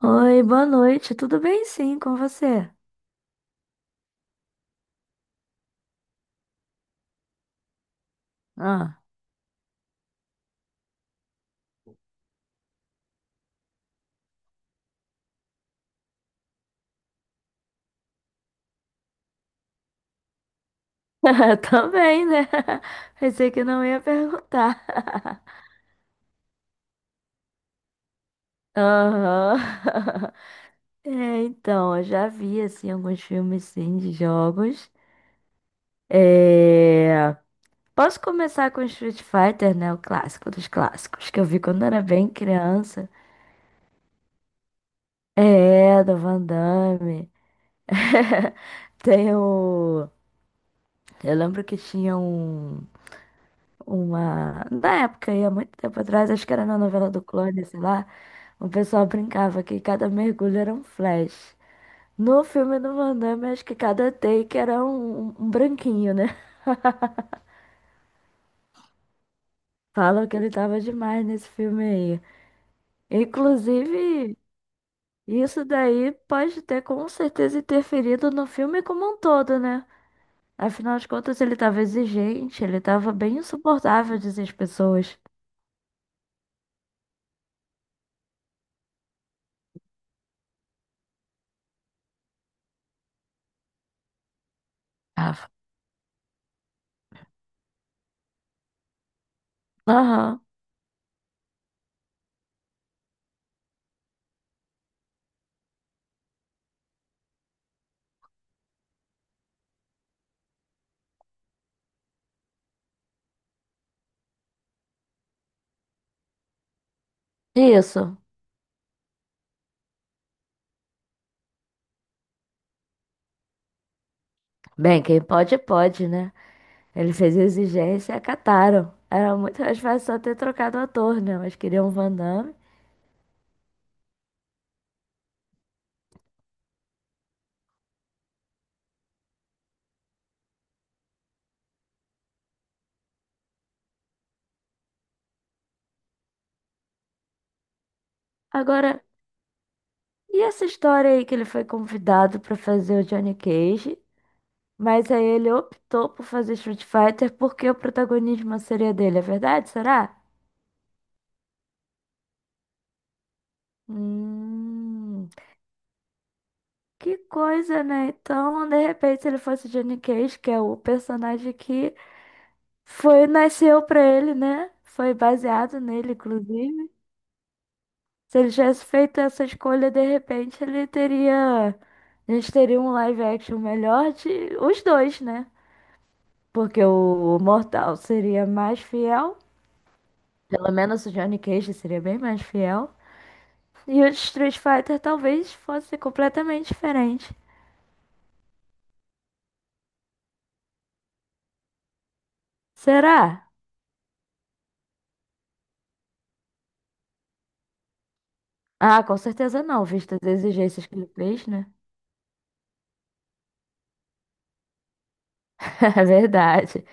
Oi, boa noite. Tudo bem, sim, com você? Ah, também, né? Pensei que não ia perguntar. Aham. É, então, eu já vi, assim, alguns filmes, sim, de jogos. É... Posso começar com Street Fighter, né? O clássico dos clássicos, que eu vi quando era bem criança. É, do Van Damme. Tem o... Eu lembro que tinha uma. Na época, aí há muito tempo atrás, acho que era na novela do Clone, sei lá, o pessoal brincava que cada mergulho era um flash. No filme do Van Damme, acho que cada take era um branquinho, né? Falam que ele tava demais nesse filme aí. Inclusive, isso daí pode ter com certeza interferido no filme como um todo, né? Afinal de contas, ele tava exigente, ele tava bem insuportável, dizem as pessoas. Tava. Aham, isso. Bem, quem pode, pode, né? Ele fez a exigência e acataram. Era muito mais fácil só ter trocado o ator, né? Mas queriam o Van Damme. Agora, e essa história aí que ele foi convidado pra fazer o Johnny Cage, mas aí ele optou por fazer Street Fighter porque o protagonismo seria dele, é verdade? Será? Hum, que coisa, né? Então, de repente, se ele fosse Johnny Cage, que é o personagem que foi, nasceu pra ele, né? Foi baseado nele, inclusive. Se ele tivesse feito essa escolha, de repente ele teria. A gente teria um live action melhor de os dois, né? Porque o Mortal seria mais fiel. Pelo menos o Johnny Cage seria bem mais fiel. E o Street Fighter talvez fosse completamente diferente. Será? Ah, com certeza não, visto as exigências que ele fez, né? É verdade.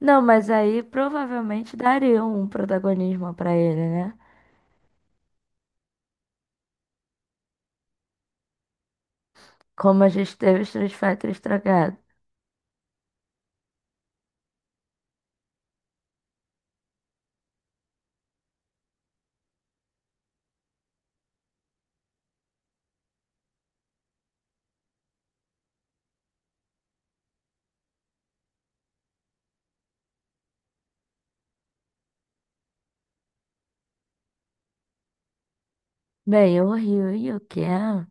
Não, mas aí provavelmente daria um protagonismo pra ele, né? Como a gente teve o Street Fighter estragado. Bem, o Rio e o Ken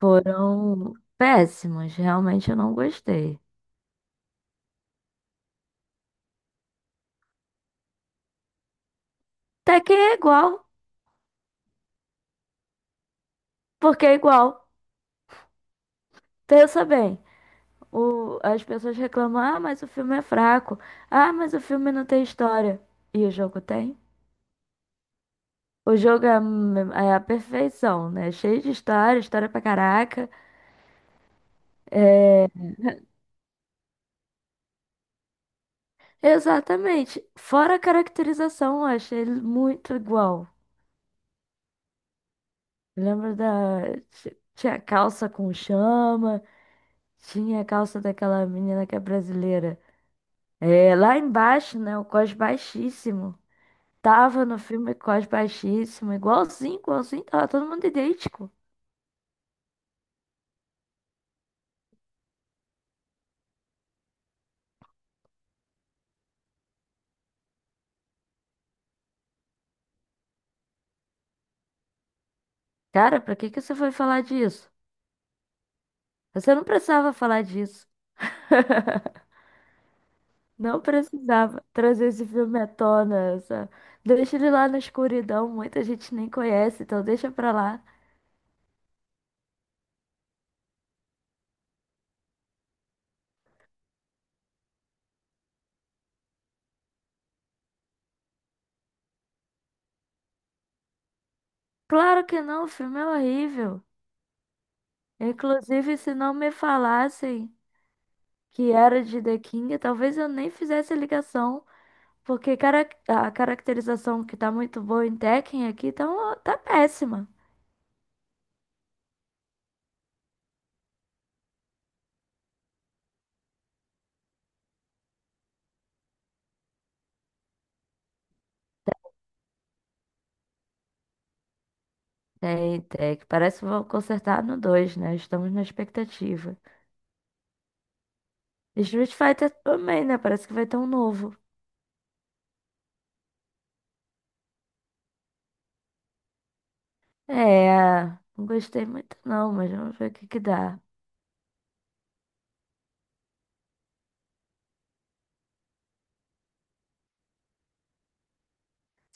foram péssimos. Realmente eu não gostei. Até que é igual, porque é igual. Pensa bem. As pessoas reclamam, ah, mas o filme é fraco. Ah, mas o filme não tem história. E o jogo tem? O jogo é a perfeição, né? Cheio de história, história pra caraca. Exatamente. Fora a caracterização, eu achei ele muito igual. Lembra da. Tinha calça com chama. Tinha a calça daquela menina que é brasileira. É, lá embaixo, né? O cós baixíssimo. Tava no filme cós baixíssimo. Igualzinho, igualzinho. Tava todo mundo idêntico. Cara, pra que que você foi falar disso? Você não precisava falar disso. Não precisava trazer esse filme à tona. Deixa ele lá na escuridão. Muita gente nem conhece, então deixa pra lá. Claro que não, o filme é horrível. Inclusive, se não me falassem que era de The King, talvez eu nem fizesse a ligação, porque a caracterização que tá muito boa em Tekken aqui tá, tá péssima. É, em Tekken, parece que vão consertar no 2 né? Estamos na expectativa. E Street Fighter também, né? Parece que vai ter um novo. É, não gostei muito não, mas vamos ver o que que dá.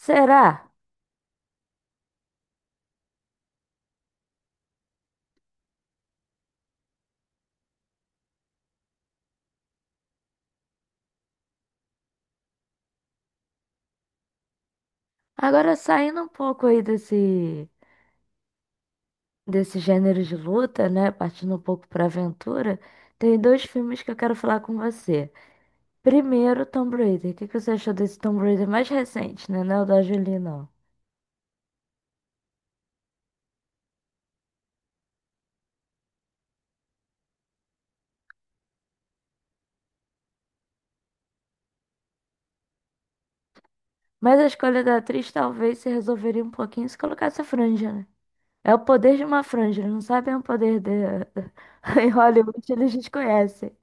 Será? Agora saindo um pouco aí desse gênero de luta, né? Partindo um pouco pra aventura, tem dois filmes que eu quero falar com você. Primeiro, Tomb Raider. O que que você achou desse Tomb Raider mais recente, né? Não é o da Jolie, não. Mas a escolha da atriz talvez se resolveria um pouquinho se colocasse a franja, né? É o poder de uma franja, eles não sabem o poder de. Em Hollywood eles desconhecem.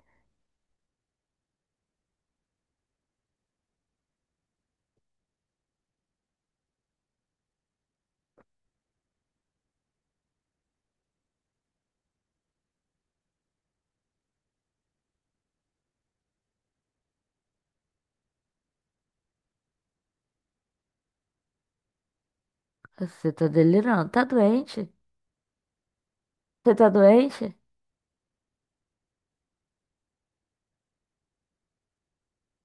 Você tá delirando. Tá doente? Você tá doente?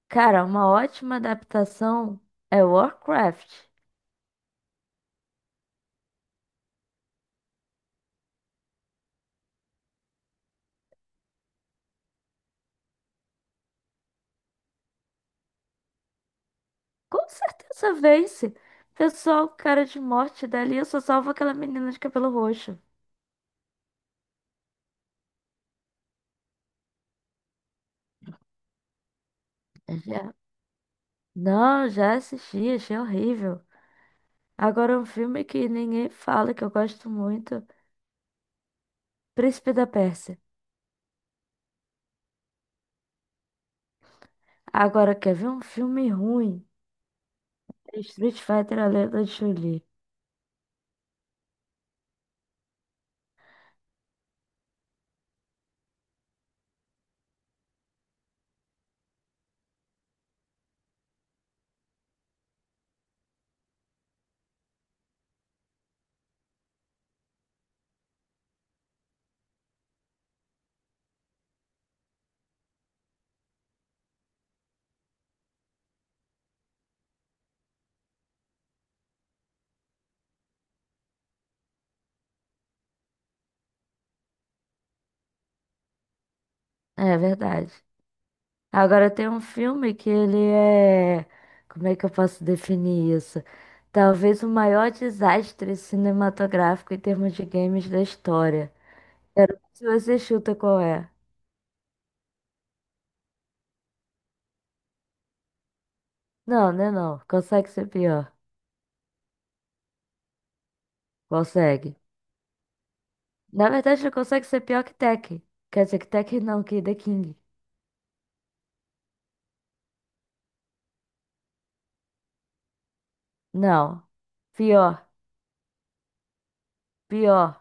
Cara, uma ótima adaptação é Warcraft. Com certeza vence. Pessoal, cara de morte dali, eu só salvo aquela menina de cabelo roxo. Não, já assisti, achei horrível. Agora um filme que ninguém fala, que eu gosto muito, Príncipe da Pérsia. Agora quer ver um filme ruim? É Street Fighter, A Lenda de Chun-Li. É verdade. Agora tem um filme que ele é. Como é que eu posso definir isso? Talvez o maior desastre cinematográfico em termos de games da história. Quero ver se você chuta qual é. Não, né não. Consegue ser pior. Consegue. Na verdade, ele consegue ser pior que Tekken. Quer dizer, que Tekken não, que The King. Não. Pior, pior.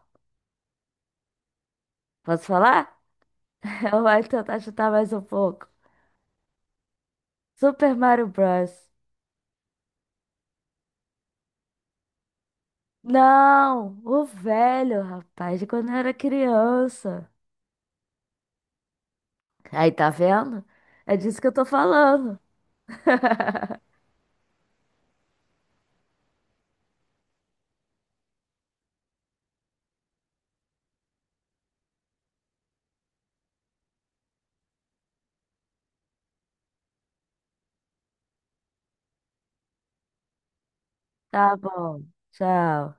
Posso falar? Eu vou tentar chutar mais um pouco. Super Mario Bros. Não, o velho, rapaz, de quando eu era criança. Aí, tá vendo? É disso que eu tô falando. Tá bom, tchau.